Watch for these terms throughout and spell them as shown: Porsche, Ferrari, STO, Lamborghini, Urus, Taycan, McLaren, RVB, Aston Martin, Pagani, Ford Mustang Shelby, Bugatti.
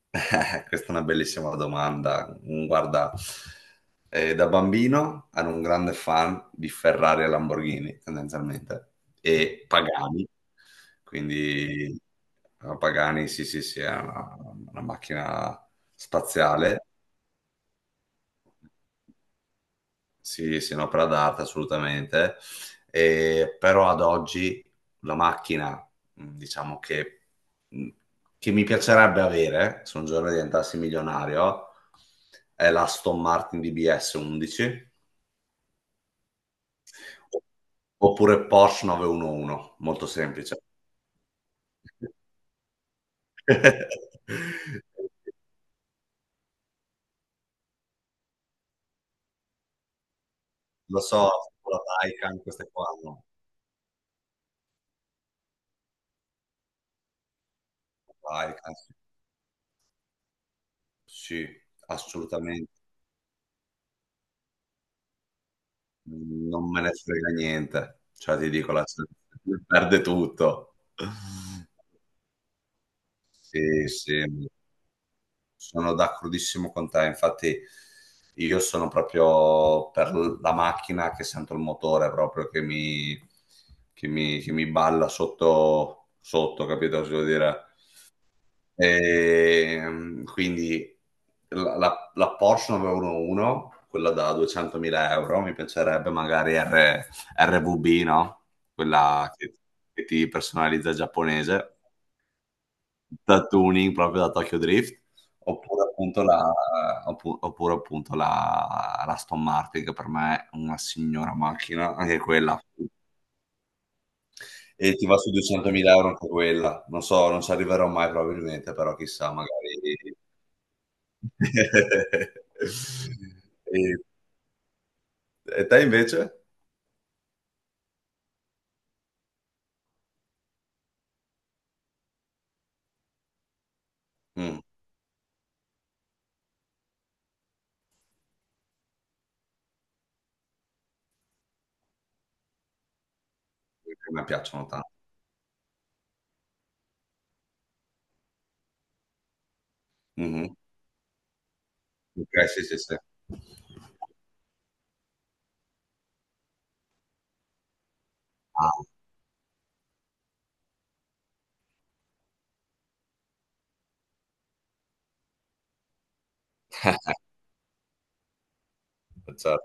Questa è una bellissima domanda. Guarda, da bambino ero un grande fan di Ferrari e Lamborghini, tendenzialmente, e Pagani. Quindi Pagani, sì, sì, sì, è una macchina spaziale. Sì, sì, un'opera d'arte assolutamente. Però ad oggi la macchina, diciamo mh, che mi piacerebbe avere se un giorno diventassi milionario è la Aston Martin DBS 11 oppure Porsche 911, molto semplice. Lo so, la Taycan, queste qua, no? La Taycan, sì, sì, assolutamente. Non me ne frega niente, cioè ti dico, la Champions perde tutto. Sì, sì, sono d'accordissimo con te, infatti io sono proprio per la macchina che sento il motore proprio che mi balla sotto, sotto, capito cosa voglio dire? Quindi la Porsche 911, quella da 200.000 euro, mi piacerebbe magari RVB, no? Quella che ti personalizza giapponese, da tuning proprio da Tokyo Drift, oppure appunto la, oppure appunto la Aston Martin, che per me è una signora macchina, anche quella. E ti va su 200.000 euro anche quella. Non so, non ci arriverò mai probabilmente, però chissà, magari. E e te invece? Mh, A me piacciono tanto. Mh-mh. Okay, sì, sì, sì. Ah, certo,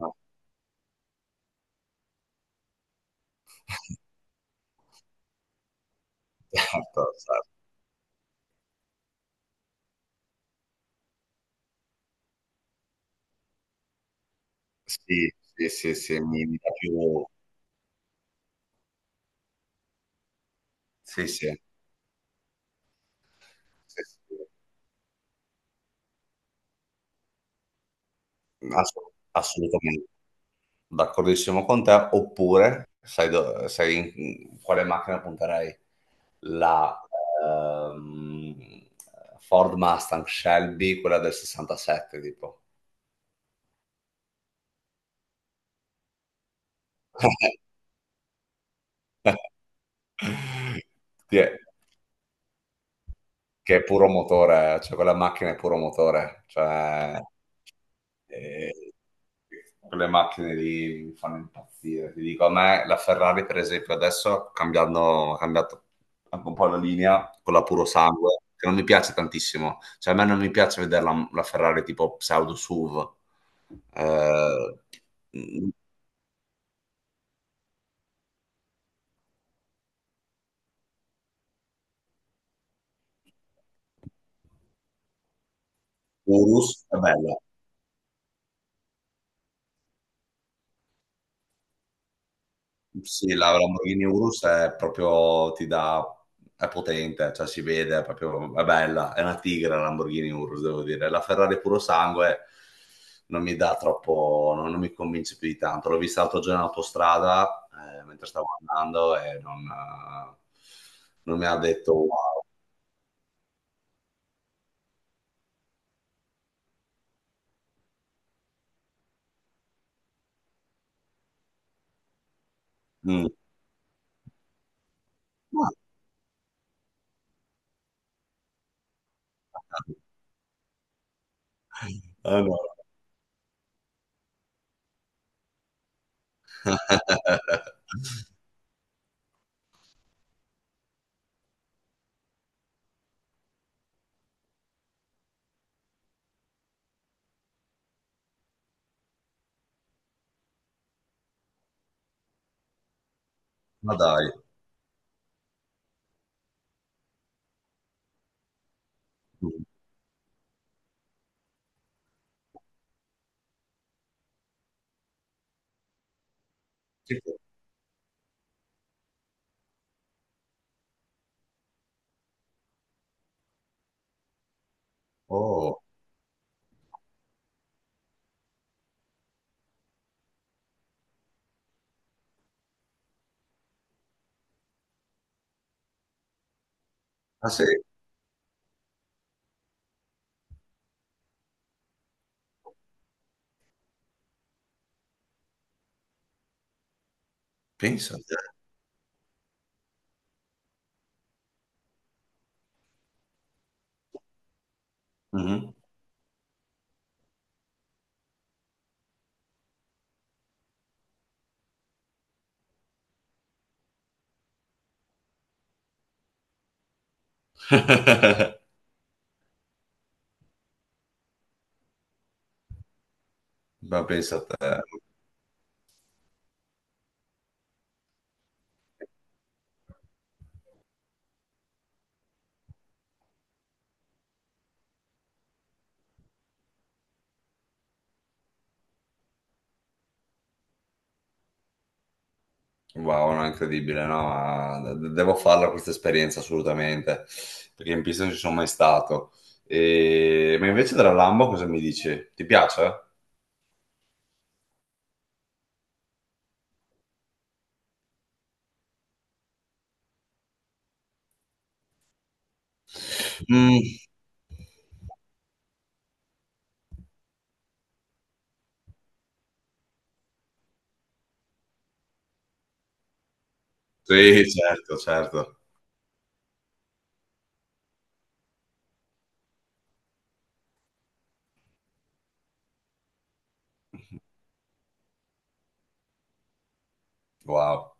no, certo, certo. Sì, sì, sì, sì, mi dà più sì, sì, sì, sì, assu assolutamente. D'accordissimo con te, oppure sai, quale macchina punterei? La, ehm, Ford Mustang Shelby, quella del '67 tipo. Sì, che è puro motore, cioè quella macchina è puro motore, cioè eh, quelle macchine lì mi fanno impazzire. Ti dico, a me la Ferrari, per esempio, adesso cambiando, ha cambiato anche un po' la linea con la puro sangue, che non mi piace tantissimo. Cioè, a me non mi piace vedere la Ferrari tipo pseudo SUV. Eh, Urus è bella. Sì, la Lamborghini Urus è proprio, ti dà, è potente, cioè si vede, è proprio, è bella, è una tigre la Lamborghini Urus, devo dire. La Ferrari puro sangue non mi dà troppo, non mi convince più di tanto. L'ho vista l'altro giorno in autostrada, mentre stavo andando e non mi ha detto wow. Mm. Ma- Allora. Ma dai. Mm. Sì. Oh, ah sì, pensa a te. Mhm. Ma pensa a te, wow, no, incredibile, no? Devo farla questa esperienza assolutamente, perché in pista non ci sono mai stato. Ma invece della Lambo cosa mi dici? Ti piace? Mm, sì, certo, certo. Wow.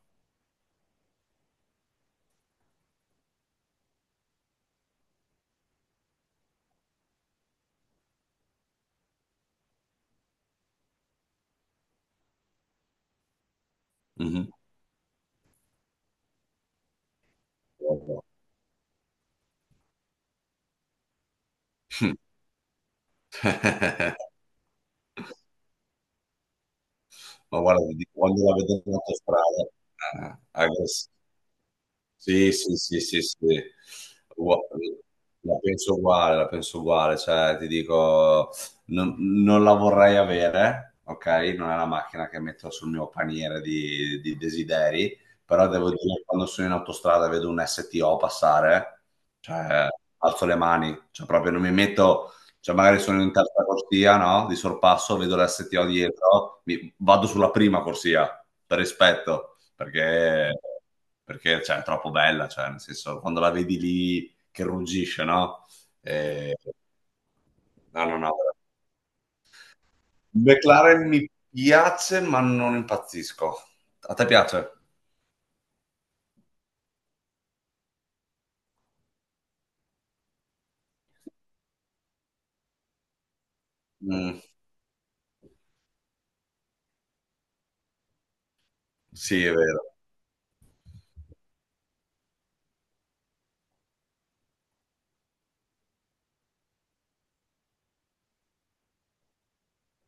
Mhm. Wow. Ma guarda, ti dico, quando la vedo in autostrada, aggressiva. Sì, sì, sì, sì, sì. Ua- la penso uguale, cioè ti dico, non, non la vorrei avere, ok? Non è la macchina che metto sul mio paniere di desideri, però devo dire, quando sono in autostrada e vedo un STO passare, cioè alzo le mani, cioè proprio non mi metto, cioè magari sono in terza corsia, no? Di sorpasso, vedo l'STO dietro, vado sulla prima corsia, per rispetto perché, perché, cioè, è troppo bella, cioè, nel senso, quando la vedi lì che ruggisce, no? Eh, no, no, no. McLaren mi piace, ma non impazzisco. A te piace? Mm, sì, è vero.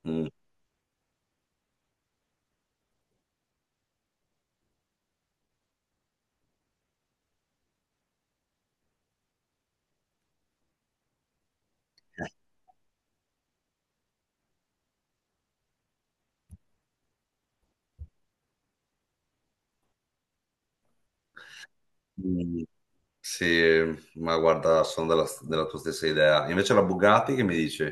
Mm. Mm, sì, ma guarda, sono della tua stessa idea. Invece la Bugatti che mi dici?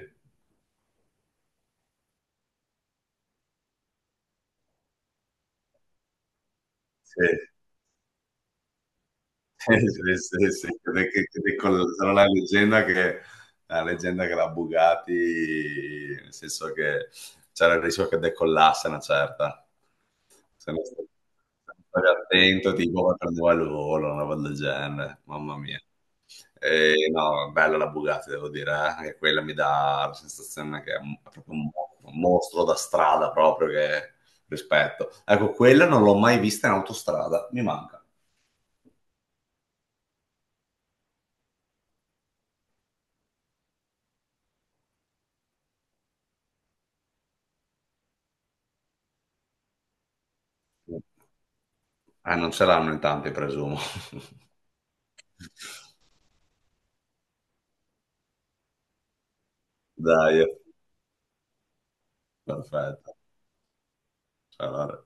Sì. Sì, sì, sì, sarà la leggenda che la Bugatti, nel senso che c'era il rischio che decollasse una certa. Se non stavi attento, tipo, prendeva il volo, una roba del genere, mamma mia. E, no, bella la Bugatti, devo dire, eh. Anche quella mi dà la sensazione che è è proprio un mostro da strada, proprio che rispetto. Ecco, quella non l'ho mai vista in autostrada, mi manca. Non ce l'hanno in tanti, presumo. Dai, perfetto. Allora.